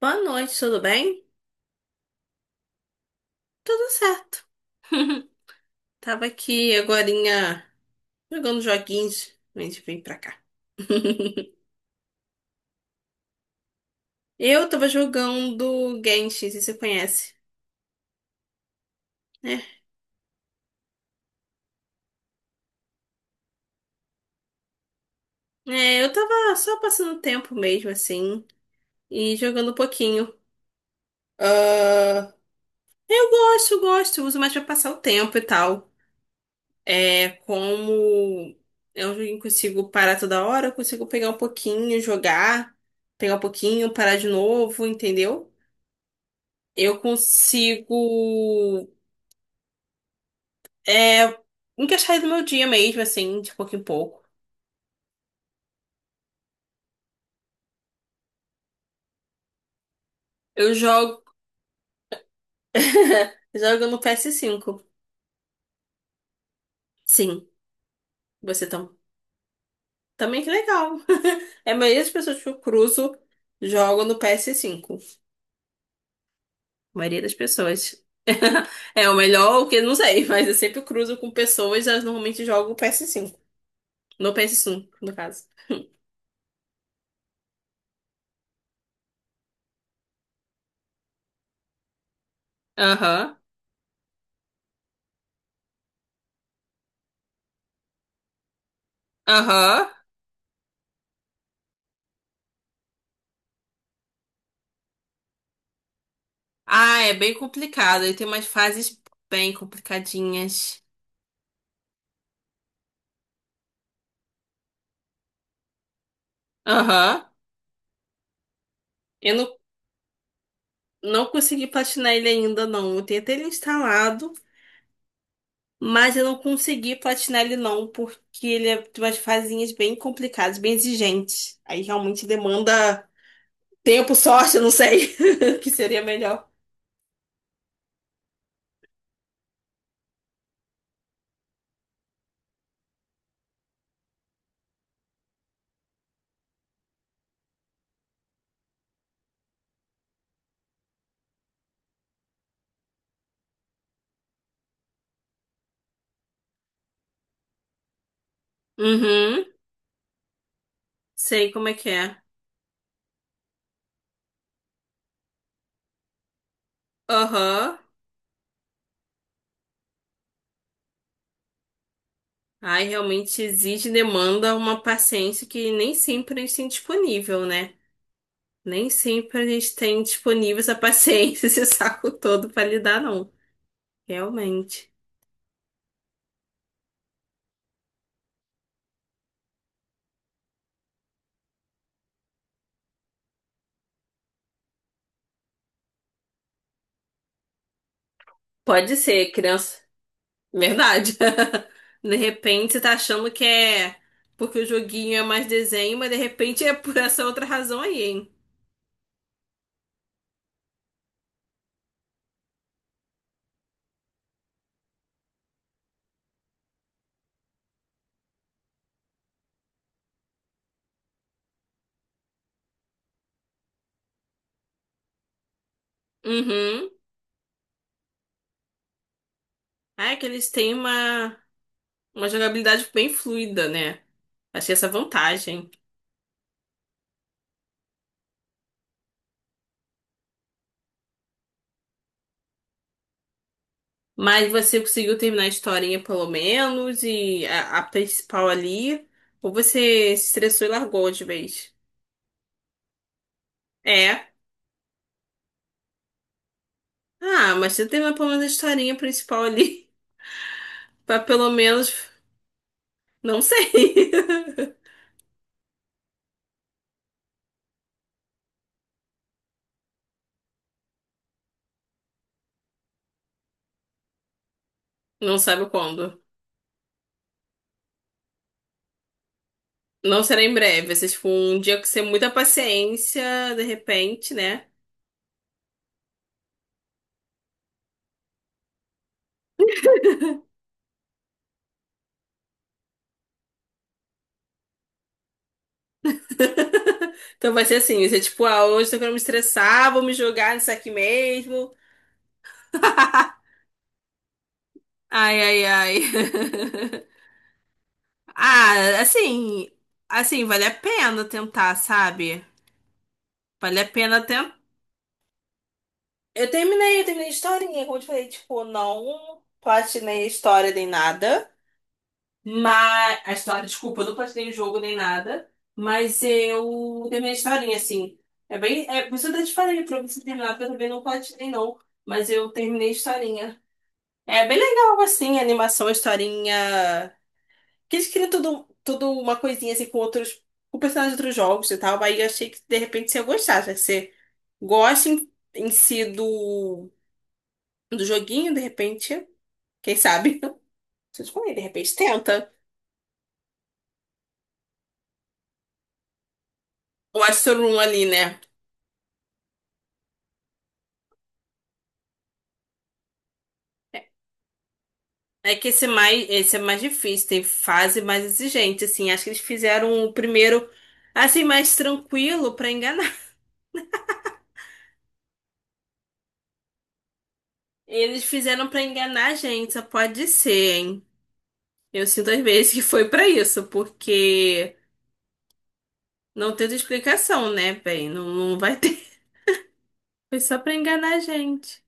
Boa noite, tudo bem? Tudo certo. Tava aqui agorinha jogando joguinhos antes de vir pra cá. Eu tava jogando Genshin, se você conhece, né? É, eu tava só passando tempo mesmo, assim, e jogando um pouquinho. Ah, eu gosto, gosto, uso mais pra passar o tempo e tal. É, como é um joguinho que consigo parar toda hora, eu consigo pegar um pouquinho, jogar, pegar um pouquinho, parar de novo, entendeu? Eu consigo é, encaixar ele no meu dia mesmo, assim, de pouco em pouco. Eu jogo. Jogo no PS5. Sim, você tam... também que legal. É a maioria das pessoas que eu cruzo jogam no PS5. A maioria das pessoas. É o melhor, o que eu não sei, mas eu sempre cruzo com pessoas, elas normalmente jogam o PS5. No PS5, no caso. Aham, aham. Ah, é bem complicado. Ele tem umas fases bem complicadinhas. Aham. Eu não, não consegui platinar ele ainda, não. Eu tenho até ele instalado, mas eu não consegui platinar ele, não, porque ele é de umas fazinhas bem complicadas, bem exigentes. Aí realmente demanda tempo, sorte, eu não sei, que seria melhor. Uhum. Sei como é que é. Aham. Aí realmente exige e demanda uma paciência que nem sempre a gente tem disponível, né? Nem sempre a gente tem disponível essa paciência, esse saco todo pra lidar, não. Realmente. Pode ser, criança. Verdade. De repente você tá achando que é porque o joguinho é mais desenho, mas de repente é por essa outra razão aí, hein? Uhum. Ah, é que uma jogabilidade bem fluida, né? Achei essa vantagem. Mas você conseguiu terminar a historinha pelo menos e a principal ali? Ou você se estressou e largou de vez? É. Ah, mas você terminou pelo menos a historinha principal ali. Pra pelo menos. Não sei. Não sabe quando. Não será em breve, vai ser tipo um dia que você tem muita paciência, de repente, né? Então vai ser assim, vai ser tipo, ah, hoje tô querendo me estressar, vou me jogar nisso aqui mesmo. Ai, ai, ai. Ah, assim, assim, vale a pena tentar, sabe? Vale a pena tentar. Eu terminei a historinha, como eu te falei, tipo, não platinei a história nem nada. Mas a história, desculpa, eu não platinei o jogo nem nada, mas eu terminei a historinha, assim. É bem. É, por isso eu até te falei pra você terminar, porque eu também não platinei, não. Mas eu terminei a historinha. É bem legal, assim, a animação, a historinha. Que eles criam tudo, tudo uma coisinha assim com outros. Com personagens de outros jogos e tal. Aí eu achei que de repente você ia gostar, já que você gosta em si do joguinho, de repente. Quem sabe? Vocês falam aí, de repente tenta. O Astro Room ali, né? É que esse, esse é mais difícil, tem fase mais exigente, assim. Acho que eles fizeram o primeiro, assim, mais tranquilo pra enganar. Eles fizeram pra enganar a gente, só pode ser, hein? Eu sinto às vezes que foi pra isso, porque não teve explicação, né, bem? Não vai ter. Foi só pra enganar a gente.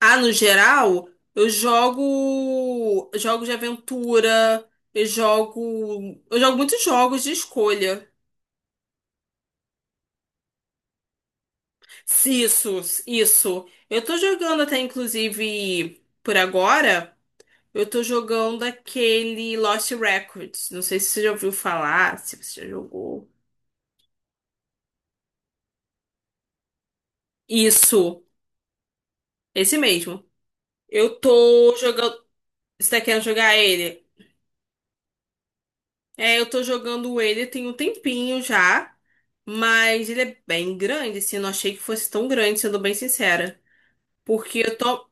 Ah, no geral, eu jogo jogos de aventura, eu jogo muitos jogos de escolha. Se Isso, isso. Eu tô jogando até, inclusive, por agora, eu tô jogando aquele Lost Records. Não sei se você já ouviu falar, se você já jogou. Isso, esse mesmo. Eu tô jogando. Você tá querendo jogar ele? É, eu tô jogando ele tem um tempinho já, mas ele é bem grande, assim. Eu não achei que fosse tão grande, sendo bem sincera. Porque eu tô,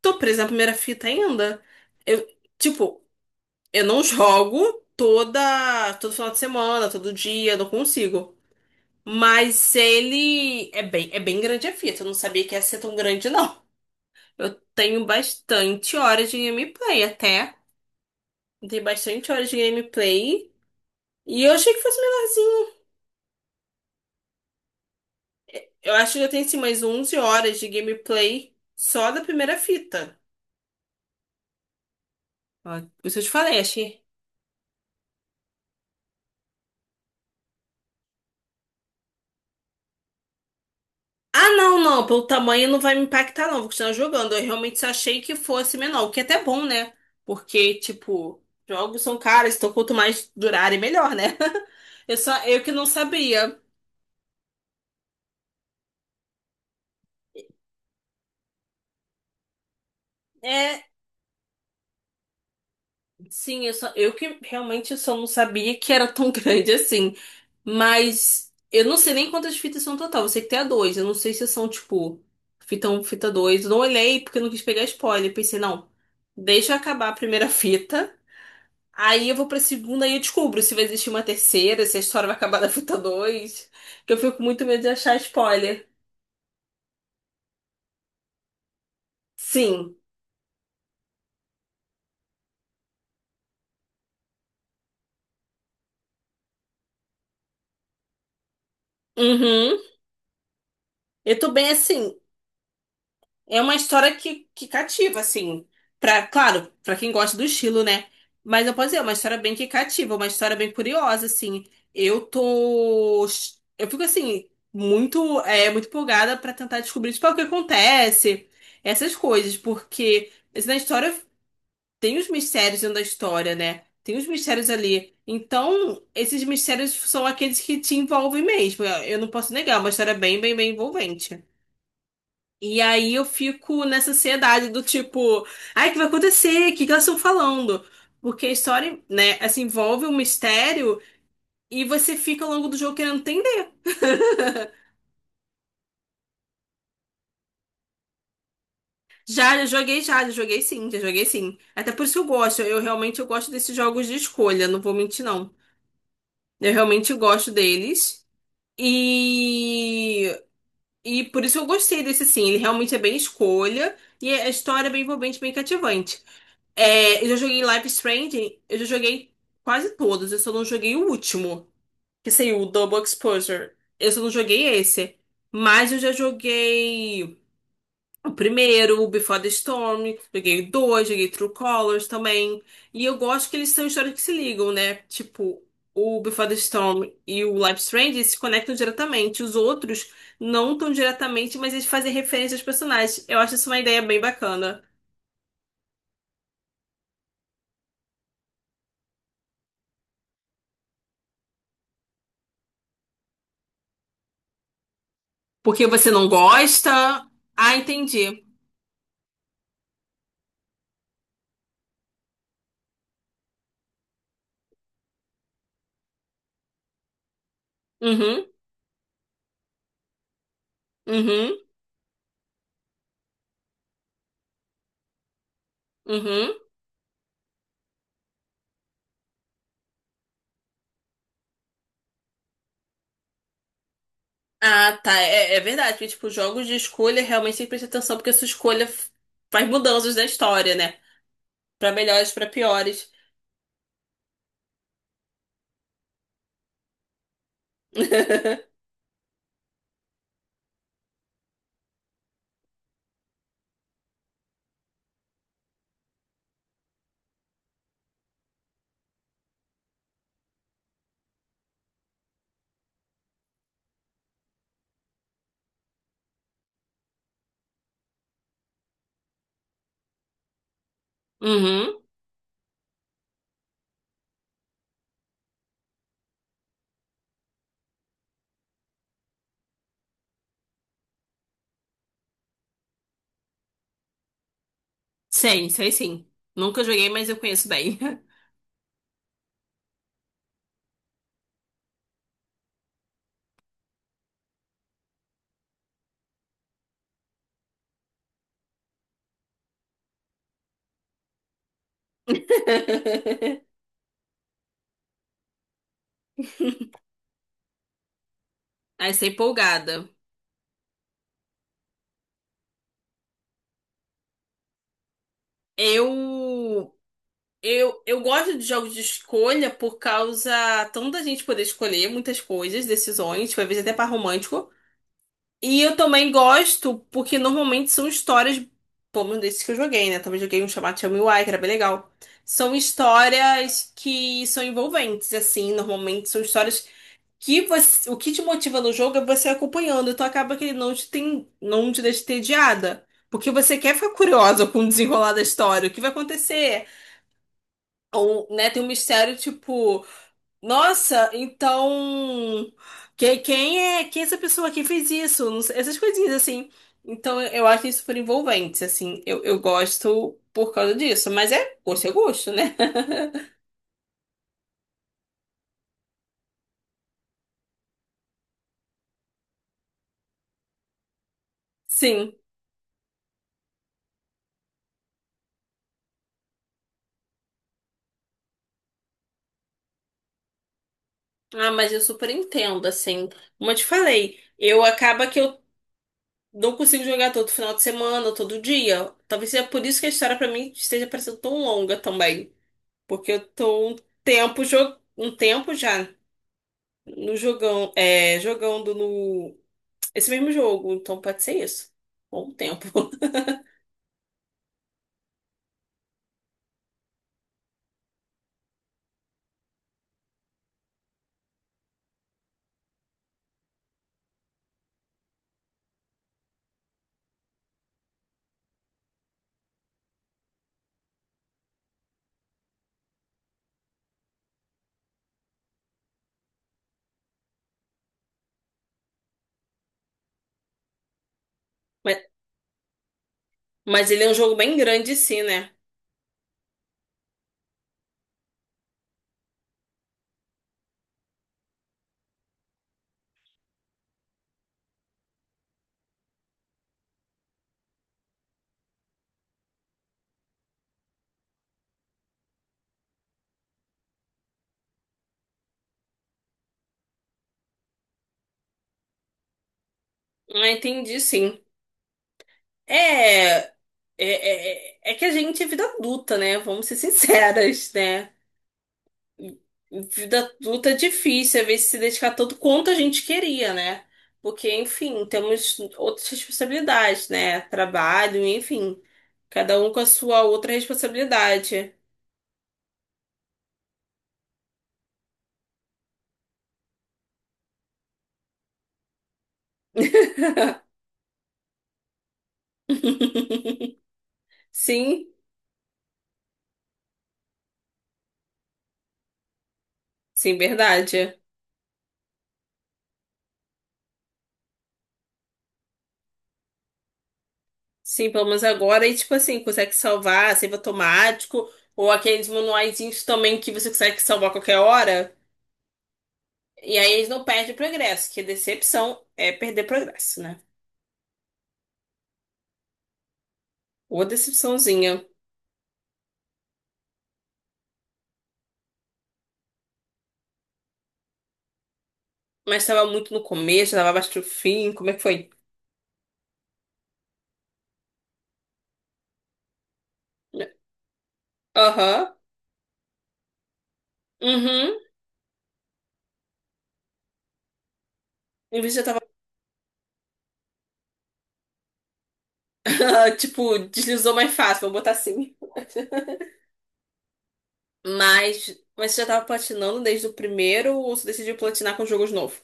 tô presa na primeira fita ainda. Eu, tipo. Eu não jogo todo final de semana, todo dia, não consigo. Mas ele é é bem grande a fita. Eu não sabia que ia ser tão grande, não. Eu tenho bastante horas de gameplay até. Eu tenho bastante horas de gameplay. E eu achei que fosse menorzinho. Eu acho que eu tenho assim mais 11 horas de gameplay só da primeira fita. Ó, por isso eu te falei, achei. Ah, não, pelo tamanho não vai me impactar, não. Vou continuar jogando. Eu realmente achei que fosse menor, o que é até bom, né? Porque, tipo, jogos são caros, então quanto mais durarem, melhor, né? Eu só, eu que não sabia. É, sim, eu só, eu que realmente só não sabia que era tão grande assim. Mas eu não sei nem quantas fitas são no total. Eu sei que tem a dois. Eu não sei se são, tipo, fita um, fita 2. Eu não olhei porque eu não quis pegar spoiler. Pensei, não, deixa eu acabar a primeira fita. Aí eu vou pra segunda e eu descubro se vai existir uma terceira, se a história vai acabar na fita dois. Que eu fico com muito medo de achar spoiler. Sim. Uhum. Eu tô bem assim. É uma história que cativa, assim. Pra, claro, pra quem gosta do estilo, né? Mas eu posso dizer, é uma história bem que cativa, uma história bem curiosa, assim. Eu tô. Eu fico assim, muito, muito empolgada pra tentar descobrir, tipo, ah, o que acontece, essas coisas, porque. Assim, na história tem os mistérios dentro da história, né? Tem os mistérios ali. Então, esses mistérios são aqueles que te envolvem mesmo. Eu não posso negar, é uma história bem envolvente. E aí eu fico nessa ansiedade do tipo, ai, o que vai acontecer? O que que elas estão falando? Porque a história, né, assim, envolve um mistério e você fica ao longo do jogo querendo entender. Já joguei sim, já joguei sim. Até por isso que eu gosto. Eu realmente eu gosto desses jogos de escolha, não vou mentir, não. Eu realmente gosto deles. E, e por isso eu gostei desse sim. Ele realmente é bem escolha. E a história é bem envolvente, bem cativante. É, eu já joguei Life is Strange, eu já joguei quase todos. Eu só não joguei o último, que saiu o Double Exposure. Eu só não joguei esse. Mas eu já joguei. O primeiro, o Before the Storm, joguei o dois, joguei True Colors também. E eu gosto que eles são histórias que se ligam, né? Tipo, o Before the Storm e o Life is Strange se conectam diretamente. Os outros não tão diretamente, mas eles fazem referência aos personagens. Eu acho isso uma ideia bem bacana. Porque você não gosta? Ah, entendi. Uhum, uhum, uhum. Ah, tá. É, é verdade. Porque, tipo, jogos de escolha realmente tem que prestar atenção, porque a sua faz mudanças na história, né? Pra melhores, pra piores. Uhum. Sei, sei sim. Nunca joguei, mas eu conheço bem. Aí sei empolgada. Eu, eu gosto de jogos de escolha por causa tanto da gente poder escolher muitas coisas, decisões, tipo, às vezes até par romântico. E eu também gosto porque normalmente são histórias, pelo menos desses que eu joguei, né? Também joguei um chamado Tell Me Why, que era bem legal. São histórias que são envolventes, assim, normalmente são histórias que o que te motiva no jogo é você acompanhando, então acaba que ele não te tem, não te deixa entediada. Porque você quer ficar curiosa com o desenrolar da história, o que vai acontecer? Ou, né, tem um mistério tipo, nossa, então quem é essa pessoa? Quem fez isso? Não sei, essas coisinhas assim. Então eu acho isso super envolvente, assim, eu gosto por causa disso, mas é gosto, né? Sim. Ah, mas eu super entendo, assim. Como eu te falei, eu acaba que eu não consigo jogar todo final de semana, todo dia. Talvez seja por isso que a história pra mim esteja parecendo tão longa também. Porque eu tô um tempo já no jogão, jogando no esse mesmo jogo, então pode ser isso. Bom tempo. Mas, mas ele é um jogo bem grande, sim, né? Ah, entendi, sim. É, é, é, é que a gente é vida adulta, né? Vamos ser sinceras, né? Vida adulta é difícil, às vezes se dedicar tanto quanto a gente queria, né? Porque, enfim, temos outras responsabilidades, né? Trabalho, enfim, cada um com a sua outra responsabilidade. Sim, sim, verdade. Sim, pelo menos agora, e tipo assim, consegue salvar, save automático, ou aqueles manuaizinhos também que você consegue salvar a qualquer hora, e aí eles não perdem progresso, que decepção é perder progresso, né? Ou decepçãozinha. Mas tava muito no começo, tava bastante o fim, como é que foi? Aham. Uhum. Em vez de eu tava. Tipo, deslizou mais fácil, vou botar assim. Mas, mas você já tava platinando desde o primeiro ou você decidiu platinar com jogos novos?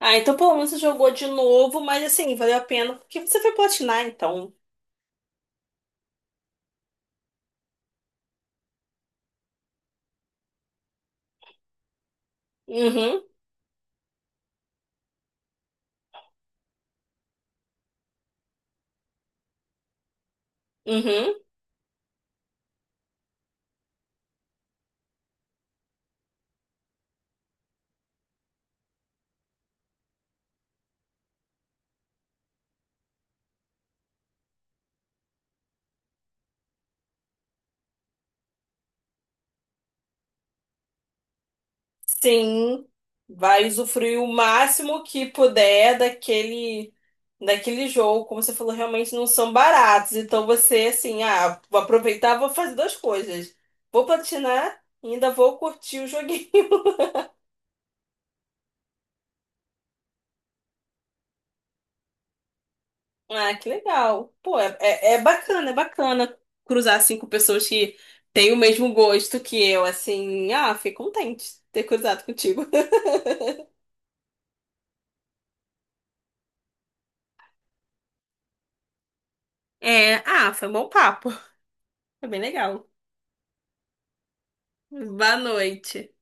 Ah, então pelo menos você jogou de novo, mas assim, valeu a pena, porque você foi platinar, então. Uhum, uhum. Sim, vai usufruir o máximo que puder daquele jogo, como você falou, realmente não são baratos. Então você assim, ah, vou aproveitar, vou fazer duas coisas. Vou platinar e ainda vou curtir o joguinho. Ah, que legal. Pô, é bacana cruzar assim com pessoas que têm o mesmo gosto que eu, assim. Ah, fiquei contente de ter cruzado contigo. É, ah, foi um bom papo. Foi bem legal. Boa noite.